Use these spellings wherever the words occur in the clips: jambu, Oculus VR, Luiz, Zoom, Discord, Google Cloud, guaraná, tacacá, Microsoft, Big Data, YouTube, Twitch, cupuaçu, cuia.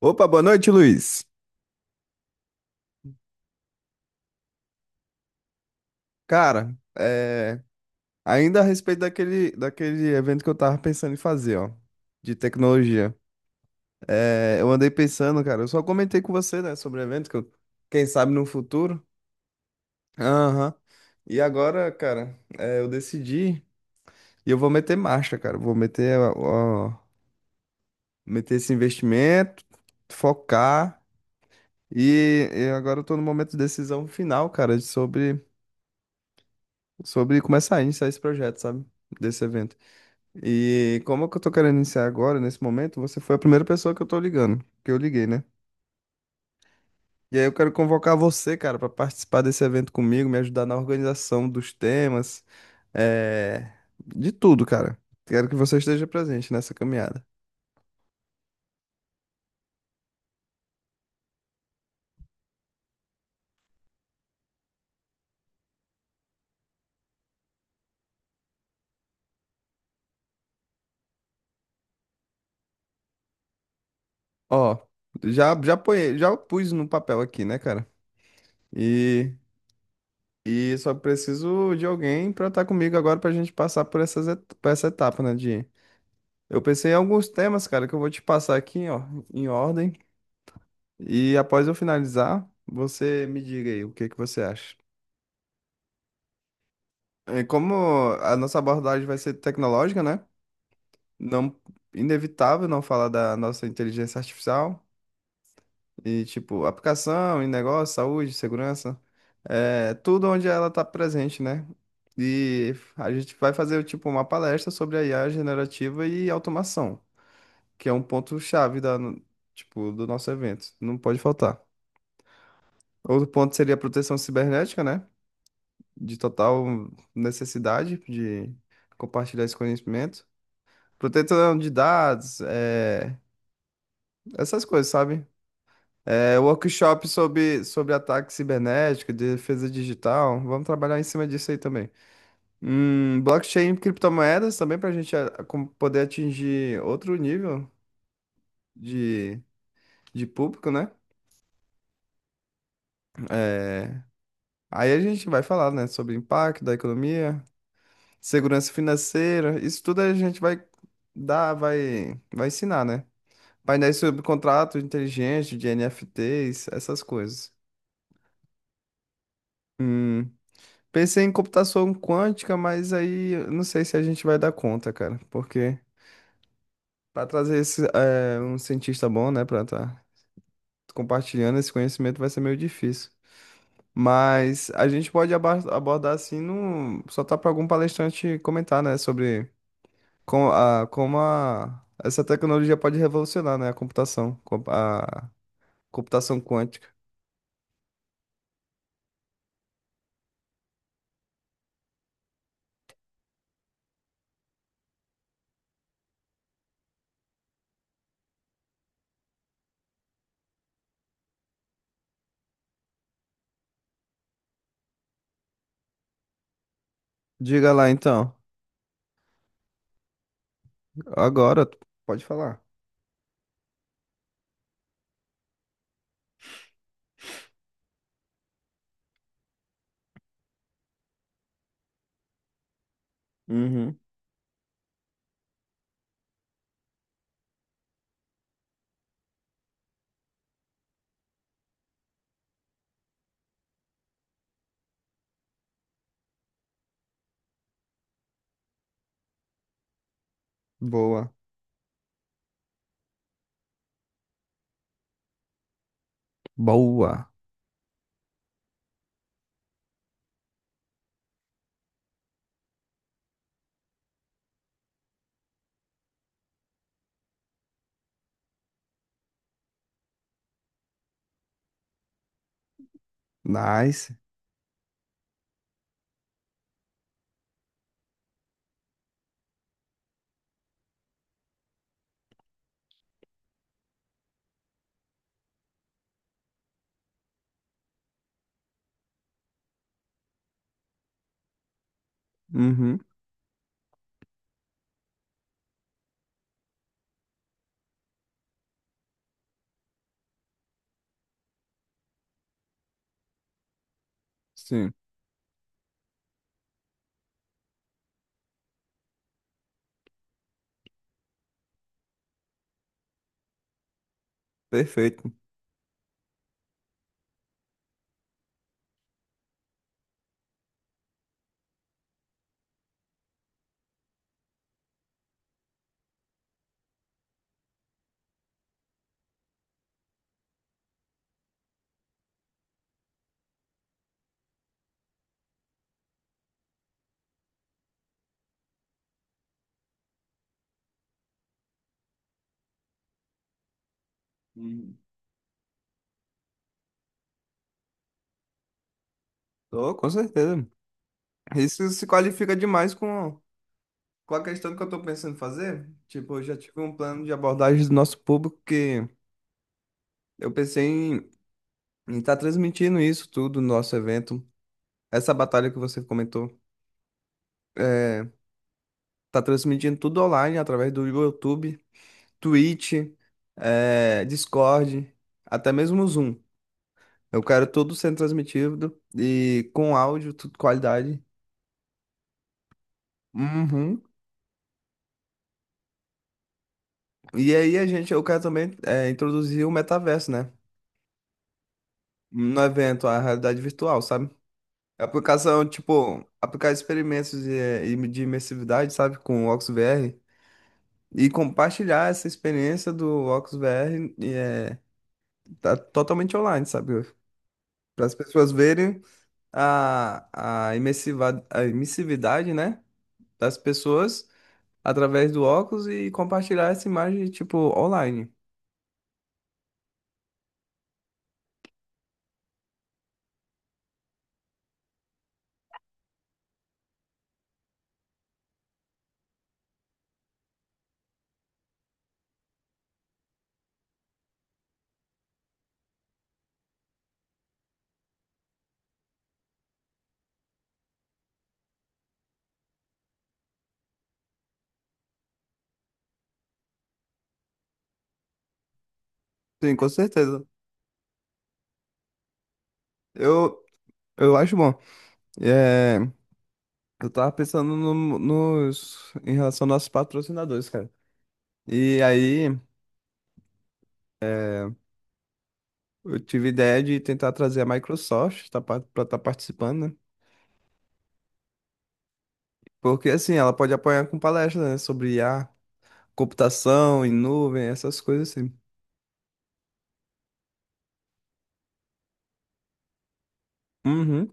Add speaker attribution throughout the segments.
Speaker 1: Opa, boa noite, Luiz. Cara, ainda a respeito daquele evento que eu tava pensando em fazer, ó, de tecnologia. Eu andei pensando, cara, eu só comentei com você, né, sobre o evento que eu, quem sabe no futuro. Aham. E agora, cara, eu decidi e eu vou meter marcha, cara. Vou meter, ó, meter esse investimento, focar. E agora eu tô no momento de decisão final, cara, sobre começar a iniciar esse projeto, sabe? Desse evento. E como é que eu tô querendo iniciar agora, nesse momento, você foi a primeira pessoa que eu liguei, né? E aí eu quero convocar você, cara, pra participar desse evento comigo, me ajudar na organização dos temas, é... de tudo, cara. Quero que você esteja presente nessa caminhada. Ó, já já ponhei, já pus no papel aqui, né, cara? E e só preciso de alguém pra estar comigo agora pra gente passar por essa etapa, né, de eu pensei em alguns temas, cara, que eu vou te passar aqui, ó, em ordem. E após eu finalizar, você me diga aí o que que você acha. Como a nossa abordagem vai ser tecnológica, né? Não, inevitável não falar da nossa inteligência artificial e tipo aplicação em negócio, saúde, segurança, é, tudo onde ela está presente, né? E a gente vai fazer tipo uma palestra sobre a IA generativa e automação, que é um ponto chave da, no- tipo, do nosso evento. Não pode faltar. Outro ponto seria a proteção cibernética, né? De total necessidade de compartilhar esse conhecimento. Proteção de dados, é, essas coisas, sabe? É, workshop sobre ataque cibernético, defesa digital. Vamos trabalhar em cima disso aí também. Blockchain e criptomoedas também para a gente ah, poder atingir outro nível de, de público, né? É, aí a gente vai falar, né, sobre o impacto da economia, segurança financeira, isso tudo a gente vai dar, vai ensinar, né? Painéis sobre contratos inteligentes de NFTs, essas coisas. Hum, pensei em computação quântica, mas aí eu não sei se a gente vai dar conta, cara, porque para trazer esse, é, um cientista bom, né, para estar compartilhando esse conhecimento vai ser meio difícil. Mas a gente pode abordar assim, num, só tá para algum palestrante comentar, né, sobre como a, essa tecnologia pode revolucionar, né? A computação, a computação quântica. Diga lá então. Agora, tu pode falar. Uhum. Boa. Boa. Nice. Uhum. Sim. Perfeito. Uhum. Tô, com certeza. Isso se qualifica demais com a questão que eu tô pensando em fazer. Tipo, eu já tive um plano de abordagem do nosso público que eu pensei em estar transmitindo isso tudo no nosso evento. Essa batalha que você comentou. É, tá transmitindo tudo online através do YouTube, Twitch, é, Discord, até mesmo o Zoom. Eu quero tudo sendo transmitido e com áudio, tudo qualidade. Uhum. E aí a gente, eu quero também é, introduzir o metaverso, né? No evento, a realidade virtual, sabe? Aplicação, tipo, aplicar experimentos de imersividade, sabe? Com o Oculus VR. E compartilhar essa experiência do Oculus VR e, é, tá totalmente online, sabe? Para as pessoas verem a imersividade, né, das pessoas através do óculos e compartilhar essa imagem, tipo, online. Sim, com certeza. Eu, eu acho bom. É, eu tava pensando em relação aos nossos patrocinadores, cara. E aí eu tive ideia de tentar trazer a Microsoft tá, para estar participando, né? Porque assim, ela pode apoiar com palestras, né, sobre I a computação em nuvem, essas coisas assim. Uhum.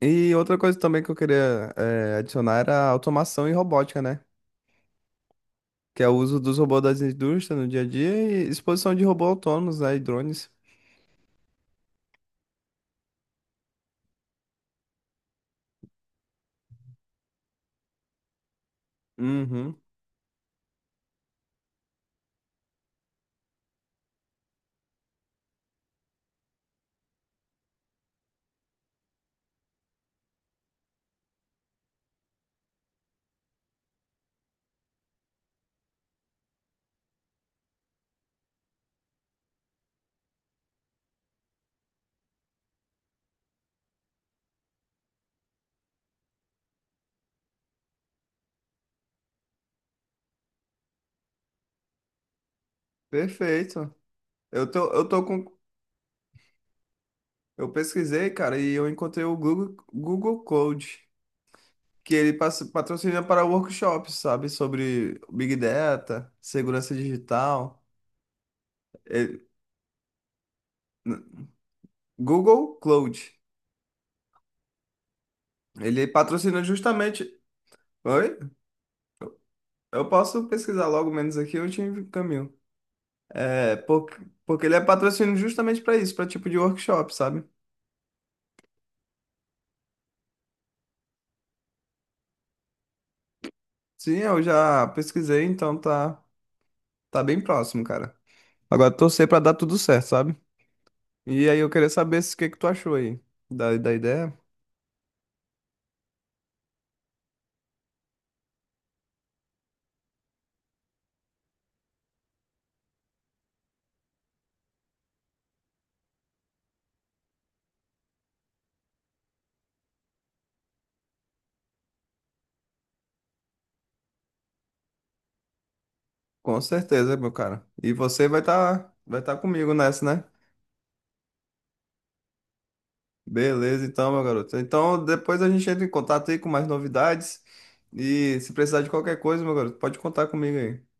Speaker 1: E outra coisa também que eu queria eh, adicionar era a automação e robótica, né? Que é o uso dos robôs das indústrias no dia a dia e exposição de robôs autônomos, né, e drones. Uhum, perfeito. Eu tô com, eu pesquisei, cara, e eu encontrei o Google, Google Code, que ele patrocina para workshops, sabe, sobre Big Data, segurança digital. Ele- Google Cloud. Ele patrocina justamente. Oi? Eu posso pesquisar logo menos aqui, eu te encaminho. É, porque ele é patrocínio justamente para isso, para tipo de workshop, sabe? Sim, eu já pesquisei, então tá bem próximo, cara. Agora torcer para dar tudo certo, sabe? E aí eu queria saber se o que que tu achou aí da ideia. Com certeza, meu cara. E você vai estar vai tá comigo nessa, né? Beleza, então, meu garoto. Então depois a gente entra em contato aí com mais novidades. E se precisar de qualquer coisa, meu garoto, pode contar comigo aí.